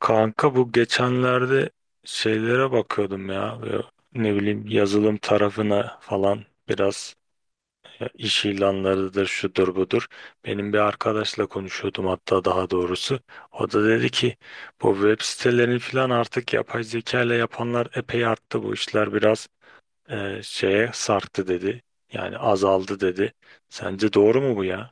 Kanka bu geçenlerde şeylere bakıyordum ya. Böyle ne bileyim, yazılım tarafına falan biraz, ya iş ilanlarıdır şudur budur. Benim bir arkadaşla konuşuyordum hatta, daha doğrusu. O da dedi ki bu web sitelerini falan artık yapay zeka ile yapanlar epey arttı, bu işler biraz şeye sarktı dedi. Yani azaldı dedi. Sence doğru mu bu ya?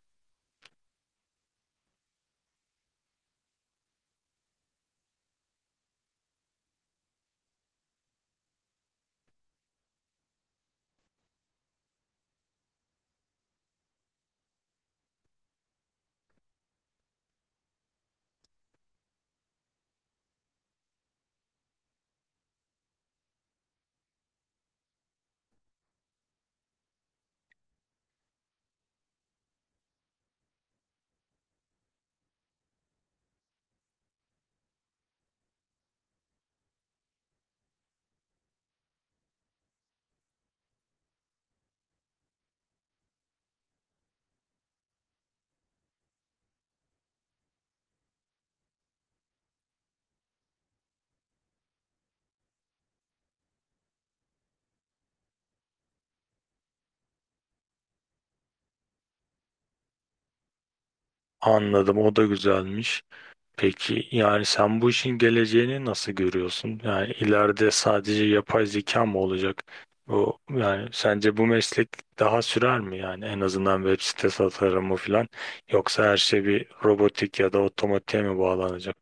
Anladım, o da güzelmiş. Peki yani sen bu işin geleceğini nasıl görüyorsun? Yani ileride sadece yapay zeka mı olacak? O yani sence bu meslek daha sürer mi yani, en azından web sitesi tasarımı falan, yoksa her şey bir robotik ya da otomatiğe mi bağlanacak?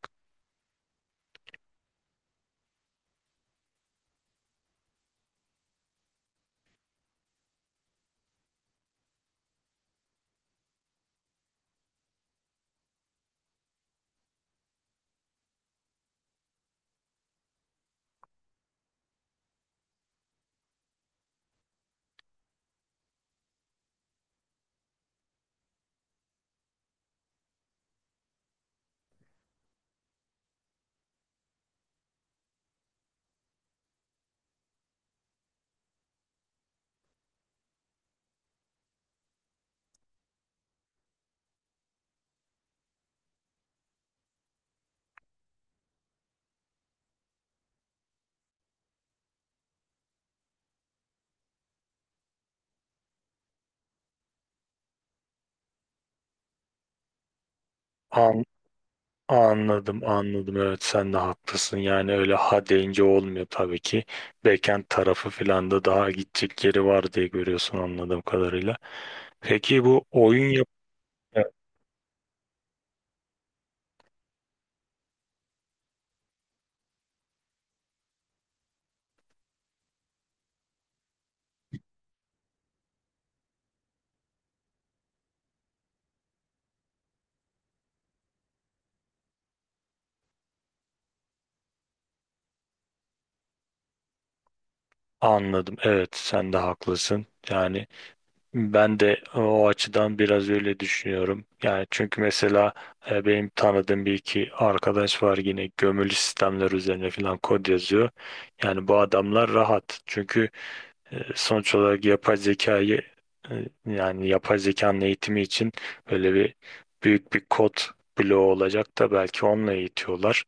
An anladım anladım evet, sen de haklısın. Yani öyle ha deyince olmuyor tabii ki. Backend tarafı falan da daha gidecek yeri var diye görüyorsun anladığım kadarıyla. Peki bu oyun yap... Anladım. Evet, sen de haklısın. Yani ben de o açıdan biraz öyle düşünüyorum. Yani çünkü mesela benim tanıdığım bir iki arkadaş var, yine gömülü sistemler üzerine falan kod yazıyor. Yani bu adamlar rahat. Çünkü sonuç olarak yapay zekayı yani yapay zekanın eğitimi için böyle bir büyük bir kod bloğu olacak da belki onunla eğitiyorlar.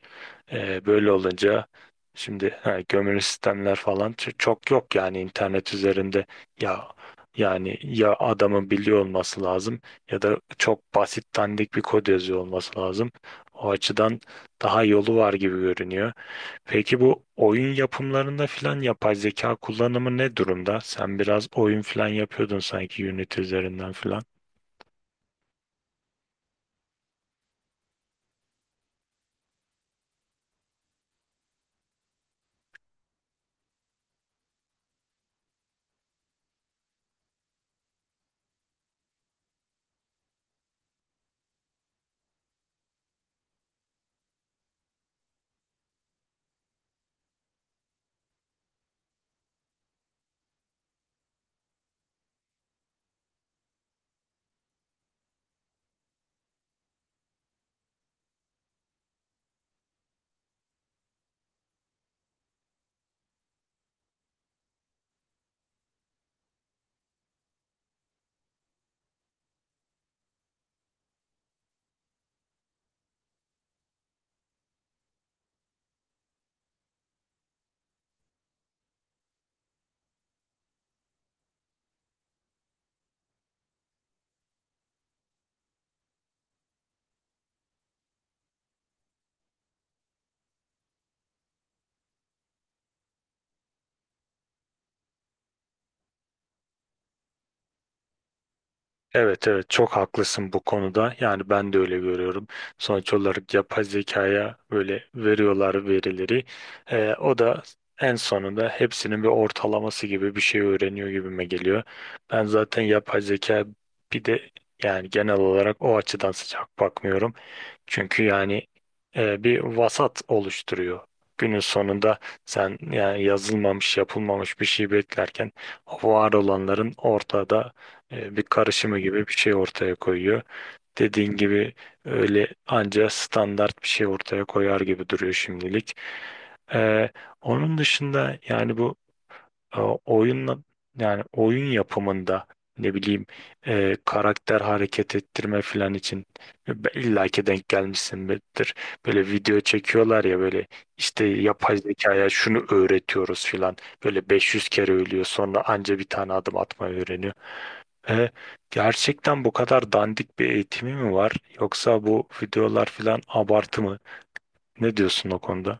Böyle olunca şimdi ha, gömülü sistemler falan çok yok yani internet üzerinde, ya yani ya adamın biliyor olması lazım ya da çok basit dandik bir kod yazıyor olması lazım. O açıdan daha yolu var gibi görünüyor. Peki bu oyun yapımlarında filan yapay zeka kullanımı ne durumda? Sen biraz oyun filan yapıyordun sanki Unity üzerinden filan. Evet evet, çok haklısın bu konuda. Yani ben de öyle görüyorum. Sonuç olarak yapay zekaya böyle veriyorlar verileri. O da en sonunda hepsinin bir ortalaması gibi bir şey öğreniyor gibime geliyor. Ben zaten yapay zeka, bir de yani genel olarak o açıdan sıcak bakmıyorum. Çünkü yani bir vasat oluşturuyor. Günün sonunda sen yani yazılmamış, yapılmamış bir şey beklerken var olanların ortada bir karışımı gibi bir şey ortaya koyuyor. Dediğin gibi öyle anca standart bir şey ortaya koyar gibi duruyor şimdilik. E, Onun dışında yani bu oyunla, yani oyun yapımında ne bileyim, karakter hareket ettirme falan için illa ki denk gelmişsindir. Böyle video çekiyorlar ya, böyle işte yapay zekaya şunu öğretiyoruz filan. Böyle 500 kere ölüyor sonra anca bir tane adım atmayı öğreniyor. E, Gerçekten bu kadar dandik bir eğitimi mi var, yoksa bu videolar filan abartı mı? Ne diyorsun o konuda?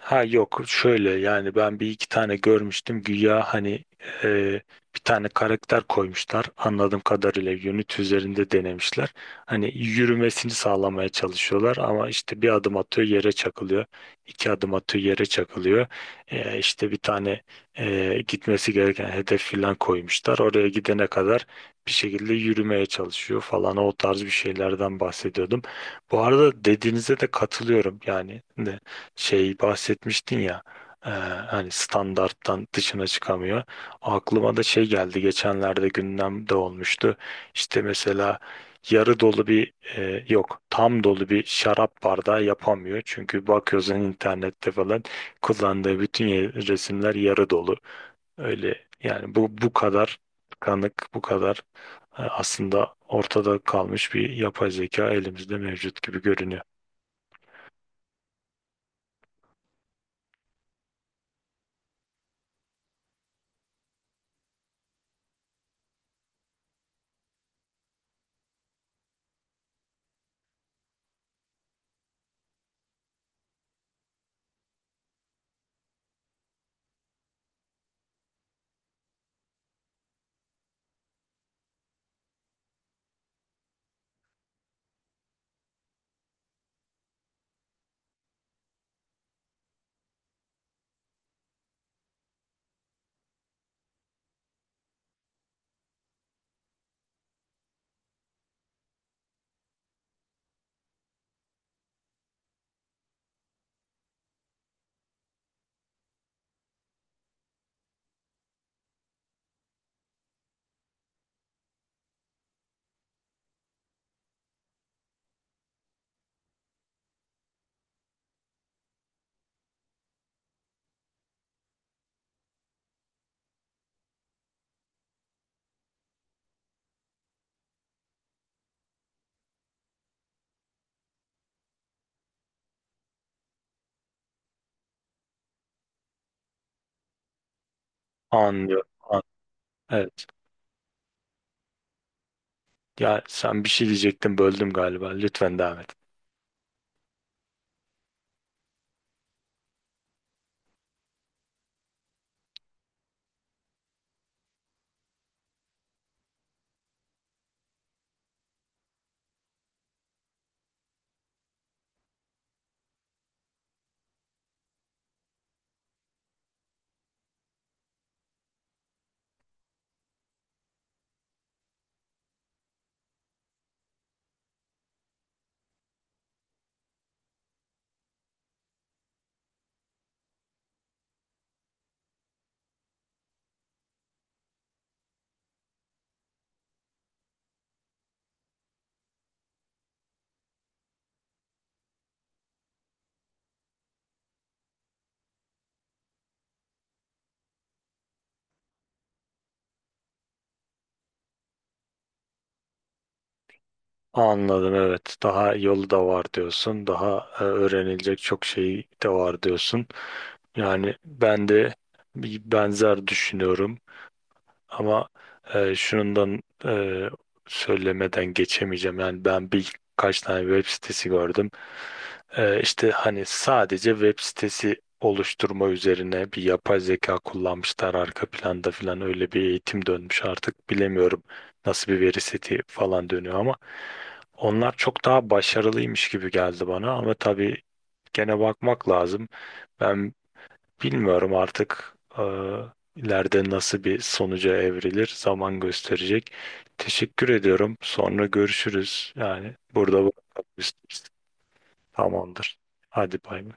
Ha yok şöyle, yani ben bir iki tane görmüştüm, güya hani e, bir tane karakter koymuşlar anladığım kadarıyla unit üzerinde denemişler. Hani yürümesini sağlamaya çalışıyorlar ama işte bir adım atıyor yere çakılıyor, iki adım atıyor yere çakılıyor. İşte bir tane gitmesi gereken hedef filan koymuşlar, oraya gidene kadar bir şekilde yürümeye çalışıyor falan, o tarz bir şeylerden bahsediyordum. Bu arada dediğinize de katılıyorum, yani şey bahsetmiştin ya, hani standarttan dışına çıkamıyor. Aklıma da şey geldi, geçenlerde gündemde olmuştu. İşte mesela yarı dolu bir yok tam dolu bir şarap bardağı yapamıyor. Çünkü bakıyorsun internette falan kullandığı bütün resimler yarı dolu. Öyle yani, bu bu kadar kanık bu kadar aslında ortada kalmış bir yapay zeka elimizde mevcut gibi görünüyor. Anlıyorum. An... Evet. Ya sen bir şey diyecektin, böldüm galiba. Lütfen devam et. Anladım evet. Daha yolu da var diyorsun. Daha öğrenilecek çok şey de var diyorsun. Yani ben de bir benzer düşünüyorum. Ama şunundan e, söylemeden geçemeyeceğim. Yani ben birkaç tane web sitesi gördüm. E, işte hani sadece web sitesi oluşturma üzerine bir yapay zeka kullanmışlar arka planda falan, öyle bir eğitim dönmüş artık, bilemiyorum nasıl bir veri seti falan dönüyor ama onlar çok daha başarılıymış gibi geldi bana, ama tabii gene bakmak lazım. Ben bilmiyorum artık, ileride nasıl bir sonuca evrilir zaman gösterecek. Teşekkür ediyorum. Sonra görüşürüz. Yani burada bırakalım istersen. Tamamdır. Hadi bay bay.